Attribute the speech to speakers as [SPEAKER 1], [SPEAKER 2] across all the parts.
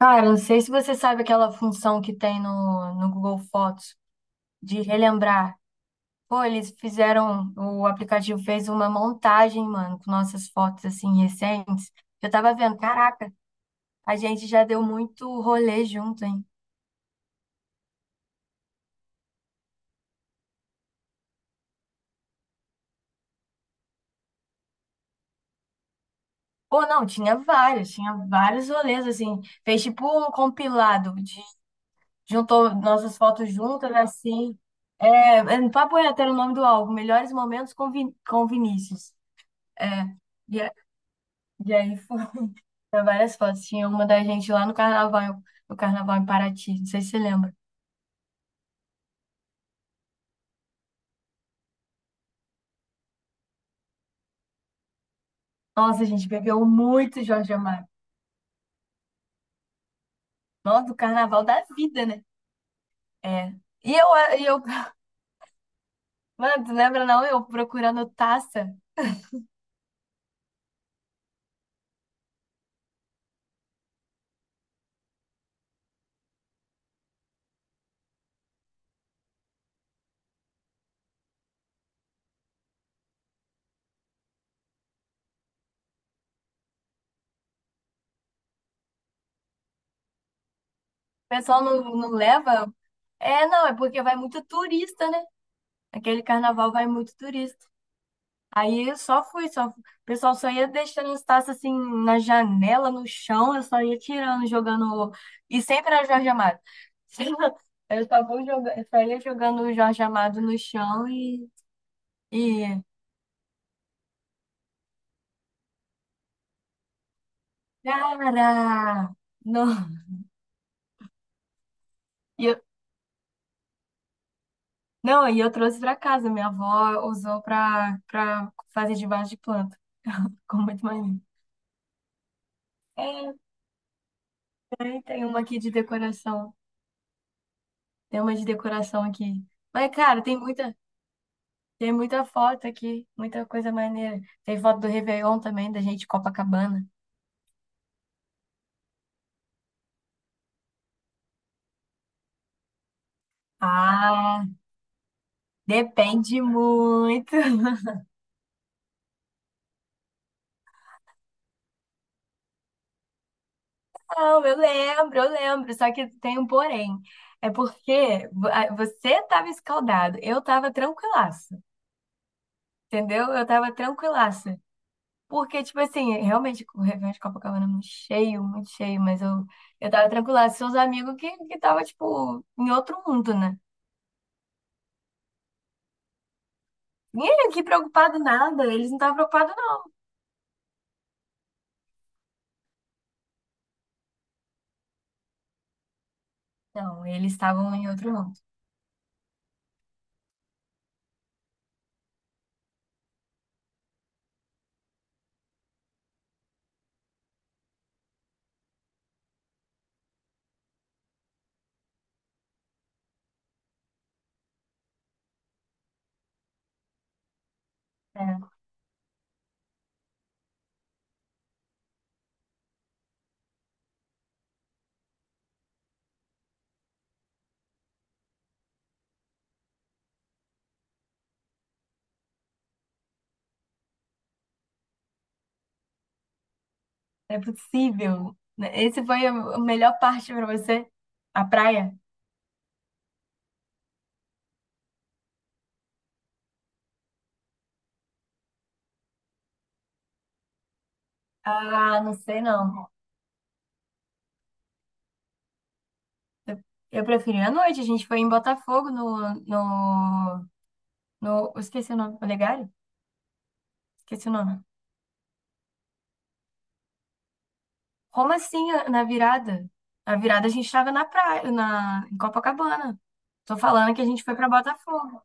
[SPEAKER 1] Cara, não sei se você sabe aquela função que tem no Google Fotos de relembrar. Pô, eles fizeram, o aplicativo fez uma montagem, mano, com nossas fotos assim recentes. Eu tava vendo, caraca, a gente já deu muito rolê junto, hein? Pô, não, tinha vários rolês assim. Fez tipo um compilado de juntou nossas fotos juntas assim. É, Papo reto era o nome do álbum, Melhores Momentos com Vinícius. É. E a- e aí tinha várias fotos. Tinha uma da gente lá no carnaval, no carnaval em Paraty. Não sei se você lembra. Nossa, a gente bebeu muito Jorge Amado. Nossa, do carnaval da vida, né? É. E eu, e eu, mano, tu lembra não? Eu procurando taça. O pessoal não leva. É, não, é porque vai muito turista, né? Aquele carnaval vai muito turista. Aí eu só fui, só. O pessoal só ia deixando as taças assim na janela, no chão, eu só ia tirando, jogando. E sempre era Jorge Amado. Eu só ia jogando o Jorge Amado no chão e... Cara! Não, e eu, não, e eu trouxe pra casa. Minha avó usou pra fazer de vaso de planta. Ficou muito maneiro. É, e tem uma aqui de decoração. Tem uma de decoração aqui. Mas, cara, tem muita foto aqui, muita coisa maneira. Tem foto do Réveillon também, da gente, Copacabana. Ah, depende muito. Não, eu lembro, eu lembro. Só que tem um porém. É porque você tava escaldado, eu tava tranquilaça. Entendeu? Eu tava tranquilaça. Porque, tipo assim, realmente o Réveillon de Copacabana é muito cheio, mas eu tava tranquilaça. Seus amigos que tava, tipo, em outro mundo, né? Ninguém aqui preocupado nada, eles não estavam preocupados. Não, eles estavam em outro mundo. É, não é possível. Esse foi a melhor parte pra você? A praia? Ah, não sei não. Eu preferi a noite. A gente foi em Botafogo no, no, no... eu esqueci o nome. Olegário? Esqueci o nome. Como assim na virada? Na virada a gente tava na praia, em Copacabana. Tô falando que a gente foi pra Botafogo.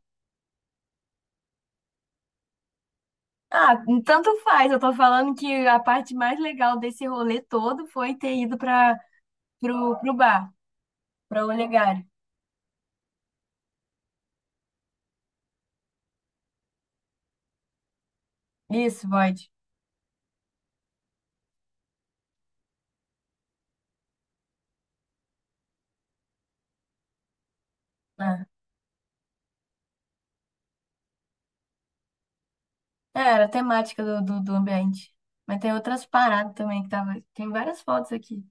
[SPEAKER 1] Ah, tanto faz. Eu tô falando que a parte mais legal desse rolê todo foi ter ido pro bar, pra Olegário. Isso, Void. Ah, é, era a temática do ambiente. Mas tem outras paradas também que tava. Tem várias fotos aqui.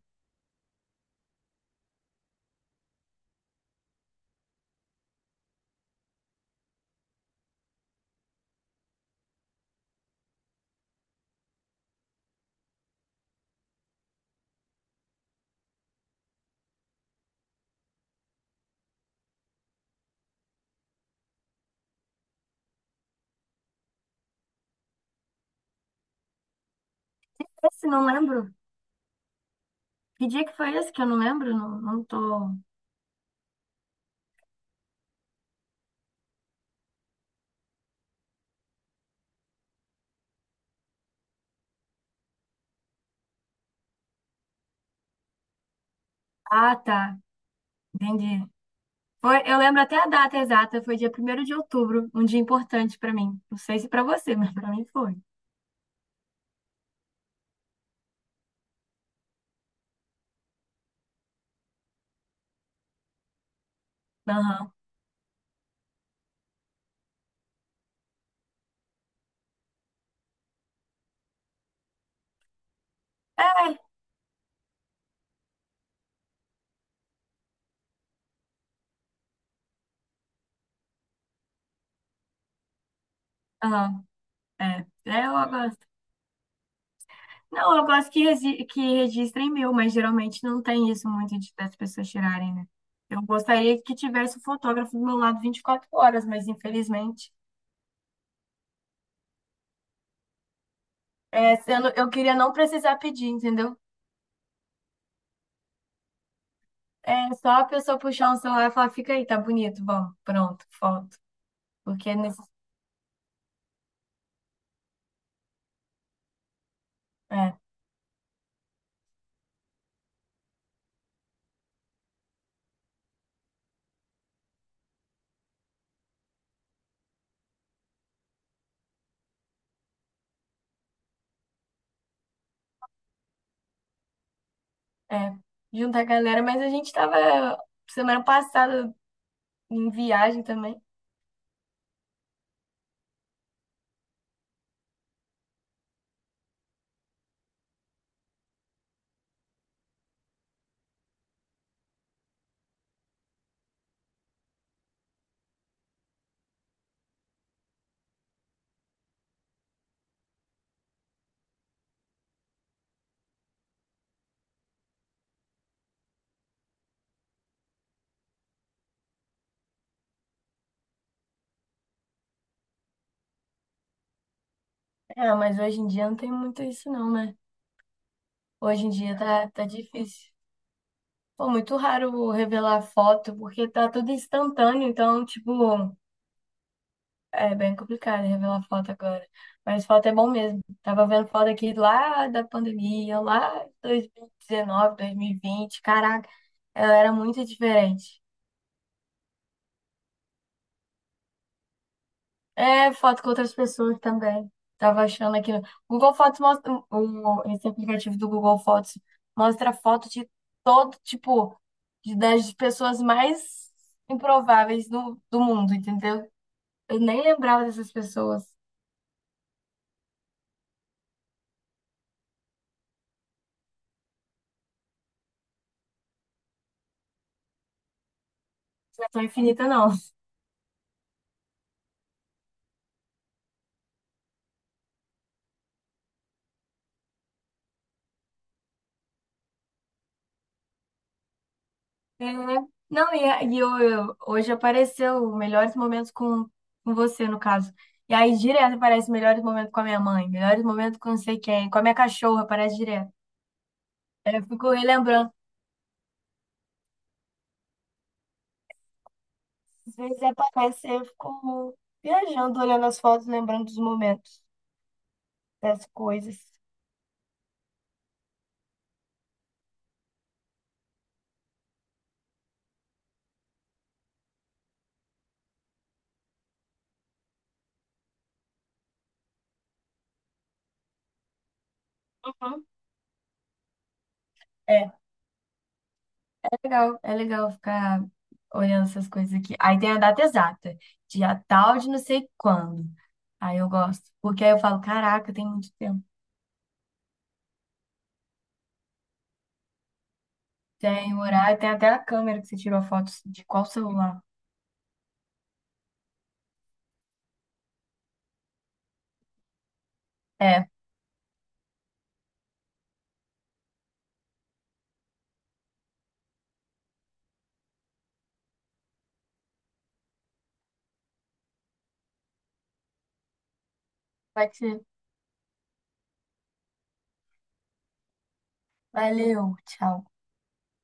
[SPEAKER 1] Esse não lembro. Que dia que foi esse que eu não lembro? Não, não tô. Ah, tá. Entendi. Foi, eu lembro até a data exata, foi dia primeiro de outubro, um dia importante pra mim. Não sei se pra você, mas pra mim foi. Aham. É, aham. É. É, eu, Não, eu gosto que registrem meu, mas geralmente não tem isso muito das pessoas tirarem, né? Eu gostaria que tivesse o fotógrafo do meu lado 24 horas, mas infelizmente, é, sendo, eu queria não precisar pedir, entendeu? É só a pessoa puxar um celular e falar, fica aí, tá bonito, vamos, pronto, foto. Porque é nesse, é, é, juntar a galera, mas a gente tava semana passada em viagem também. É, mas hoje em dia não tem muito isso não, né? Hoje em dia tá difícil. Pô, muito raro revelar foto, porque tá tudo instantâneo, então, tipo, é bem complicado revelar foto agora. Mas foto é bom mesmo. Tava vendo foto aqui lá da pandemia, lá em 2019, 2020. Caraca, ela era muito diferente. É, foto com outras pessoas também. Tava achando aqui. No- Google Fotos mostra. O- Esse aplicativo do Google Fotos mostra foto de todo, tipo, das pessoas mais improváveis do mundo, entendeu? Eu nem lembrava dessas pessoas. Não é tão infinita, não. É, não, hoje apareceu melhores momentos com você, no caso. E aí direto aparece melhores momentos com a minha mãe, melhores momentos com não sei quem, com a minha cachorra, aparece direto. Aí eu fico relembrando. Às vezes aparece, aí eu fico viajando, olhando as fotos, lembrando dos momentos, das coisas. Uhum. Legal, é legal ficar olhando essas coisas aqui. Aí tem a data exata, dia tal de não sei quando. Aí eu gosto, porque aí eu falo, caraca, tem muito tempo. Tem o horário, tem até a câmera que você tirou a foto de qual celular. É, pode ser. Valeu, tchau.